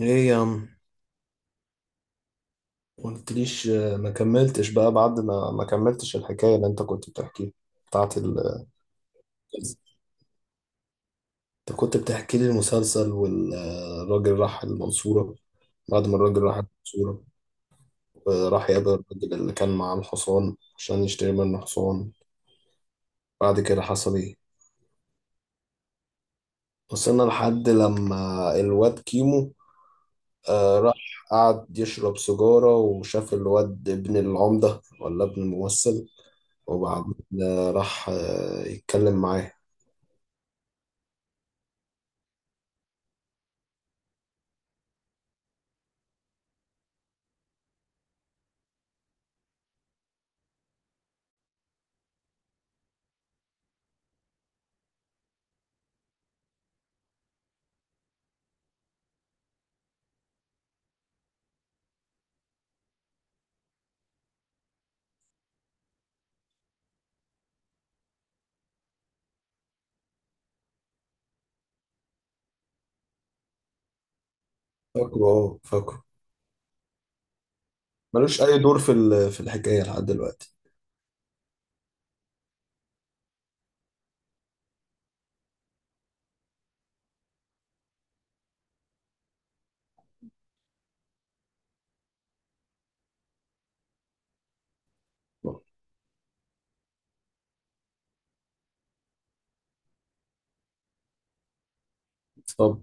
ايه يا عم. قلتليش ما كملتش بقى بعد ما كملتش الحكاية اللي انت كنت بتحكيها بتاعت ال انت كنت بتحكي لي المسلسل والراجل راح المنصورة. بعد ما الراجل راح المنصورة، راح يقابل الراجل اللي كان معاه الحصان عشان يشتري منه حصان. بعد كده حصل ايه؟ وصلنا لحد لما الواد كيمو راح، قعد يشرب سيجارة وشاف الواد ابن العمدة ولا ابن الممثل. وبعدين راح يتكلم معاه. فاكره، فاكره. ملوش أي دور في الحكاية لحد دلوقتي. طب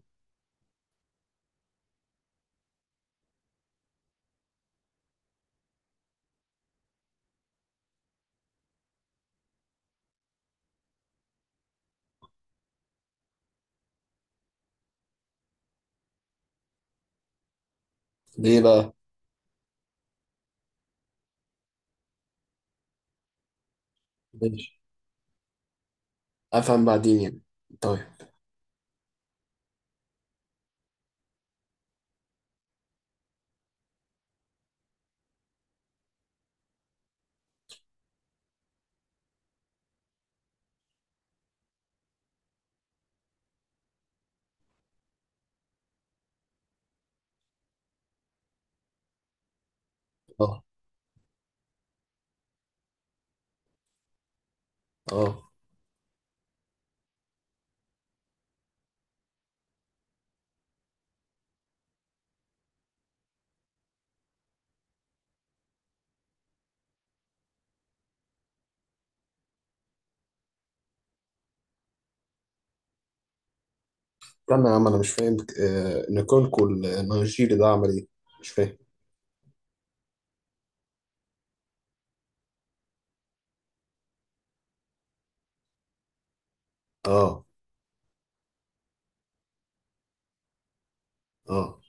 ليه بقى؟ ماشي. أفهم بعدين يعني. طيب. اه، اه. استنى يا عم، أنا مش فاهم. نيكولكو النيجيري ده عمل إيه؟ مش فاهم. اه، اه.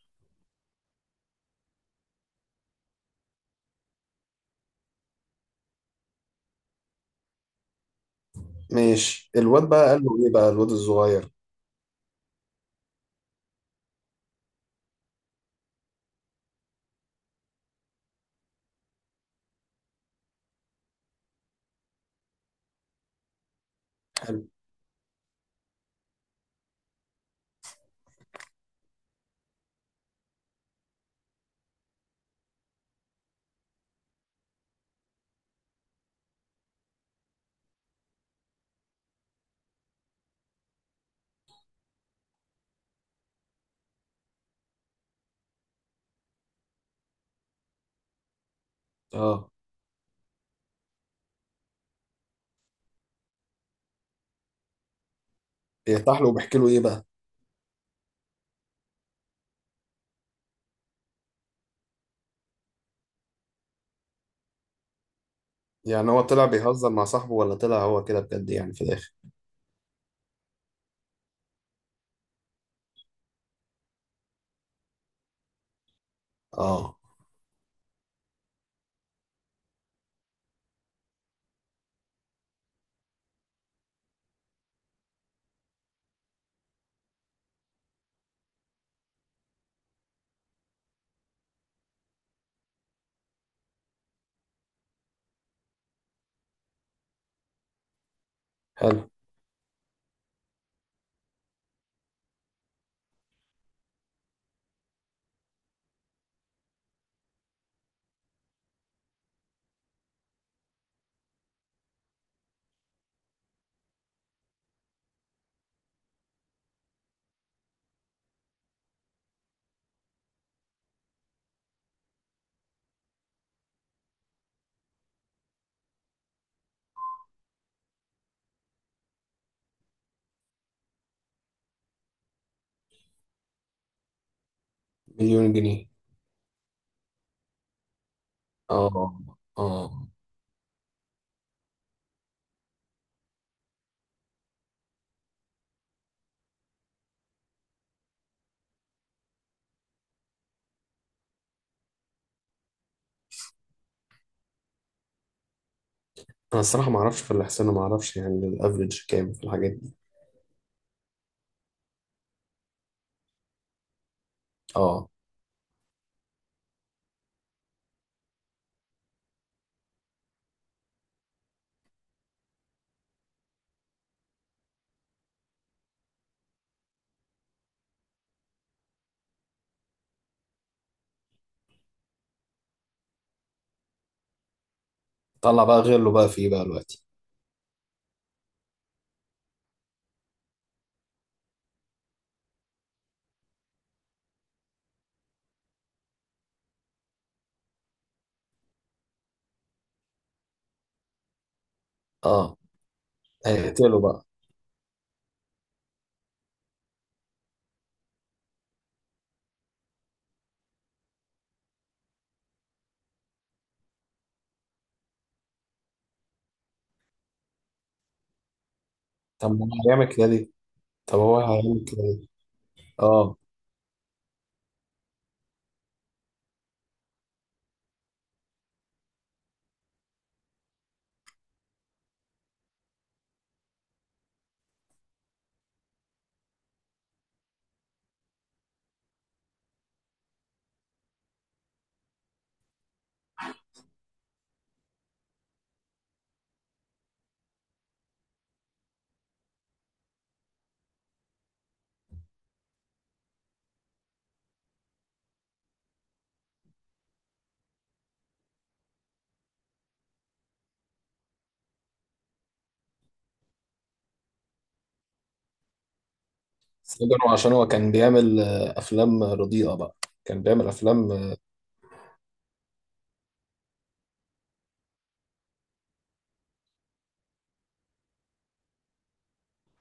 ماشي، الواد بقى قال له إيه بقى الواد الصغير؟ حلو. اه. يرتاح له وبيحكي له إيه بقى؟ يعني هو طلع بيهزر مع صاحبه ولا طلع هو كده بجد يعني في الآخر؟ اه. حلو. مليون جنيه. اه، اه. انا الصراحه ما اعرفش، في الاحسن ما اعرفش يعني الافريج كام في الحاجات دي. اه. طلع بقى غيره بقى فيه بقى دلوقتي. اه. هيقتله بقى؟ طب ما هو هيعمل كده ليه؟ طب هو هيعمل كده ليه؟ اه. سجنه عشان هو كان بيعمل افلام رديئه بقى؟ كان بيعمل افلام. اه.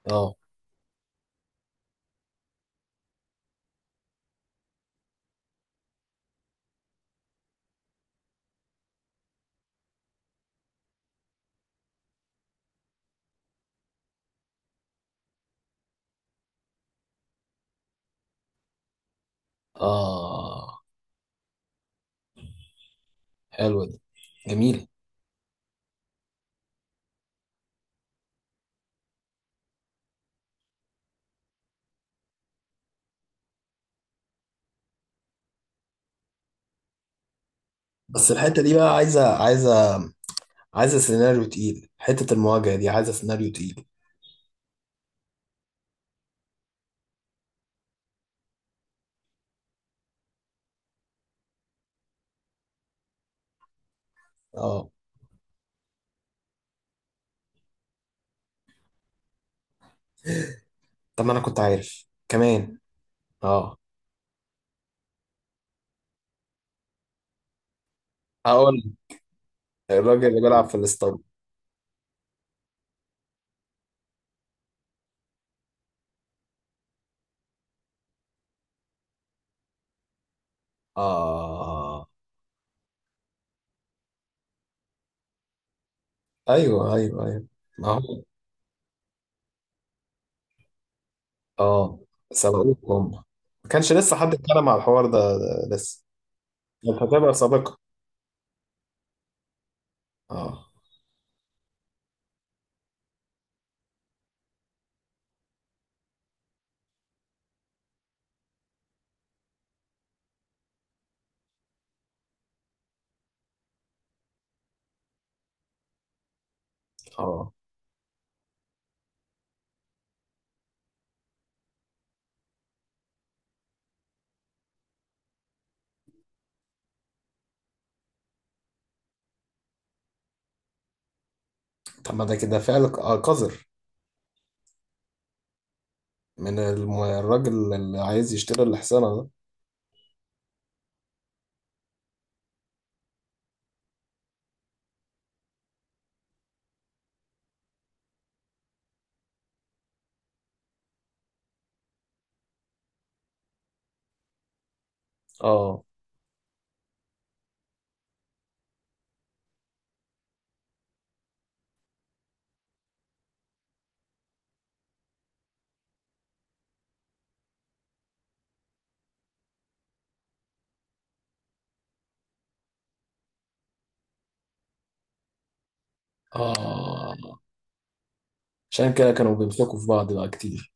اه. آه. حلوه دي. جميله. بس الحته دي بقى عايزه، عايزه، عايزه سيناريو تقيل. حته المواجهه دي عايزه سيناريو تقيل. اه. طب ما انا كنت عارف كمان. اه. هقول. الراجل اللي بيلعب في الاسطنبول. اه، ايوه، ايوه، ايوه. ما هو. اه. سبقوكم هم. ما كانش لسه حد اتكلم على الحوار ده، ده لسه. انت هتبقى سابقة. اه، اه. طب ما ده كده فعل قذر. من الراجل اللي عايز يشتري الحصانة ده. اه، اه. عشان كده كانوا بيمسكوا في بعض بقى كتير.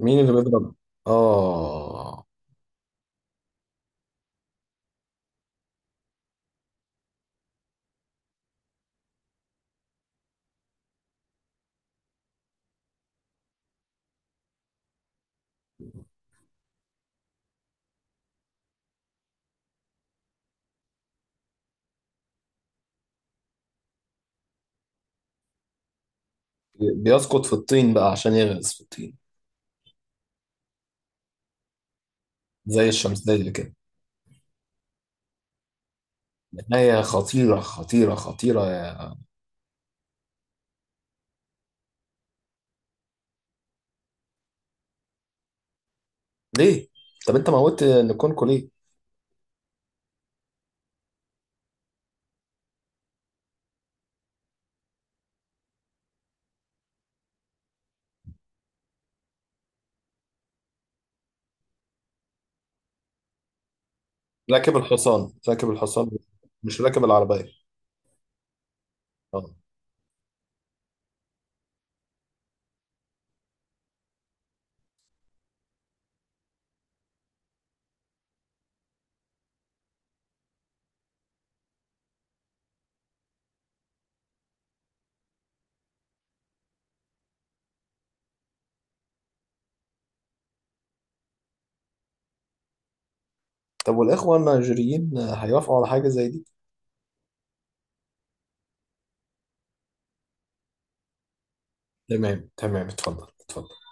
مين اللي بيضرب؟ اه. بيسقط في الطين بقى عشان يغرس في الطين. زي الشمسية كده. نهاية خطيرة، خطيرة، خطيرة. ليه؟ طب انت موتت نكونكو ليه؟ راكب الحصان، راكب الحصان. مش راكب العربية. اه. طب والإخوة النيجيريين هيوافقوا على حاجة زي دي؟ تمام، تمام. اتفضل، اتفضل.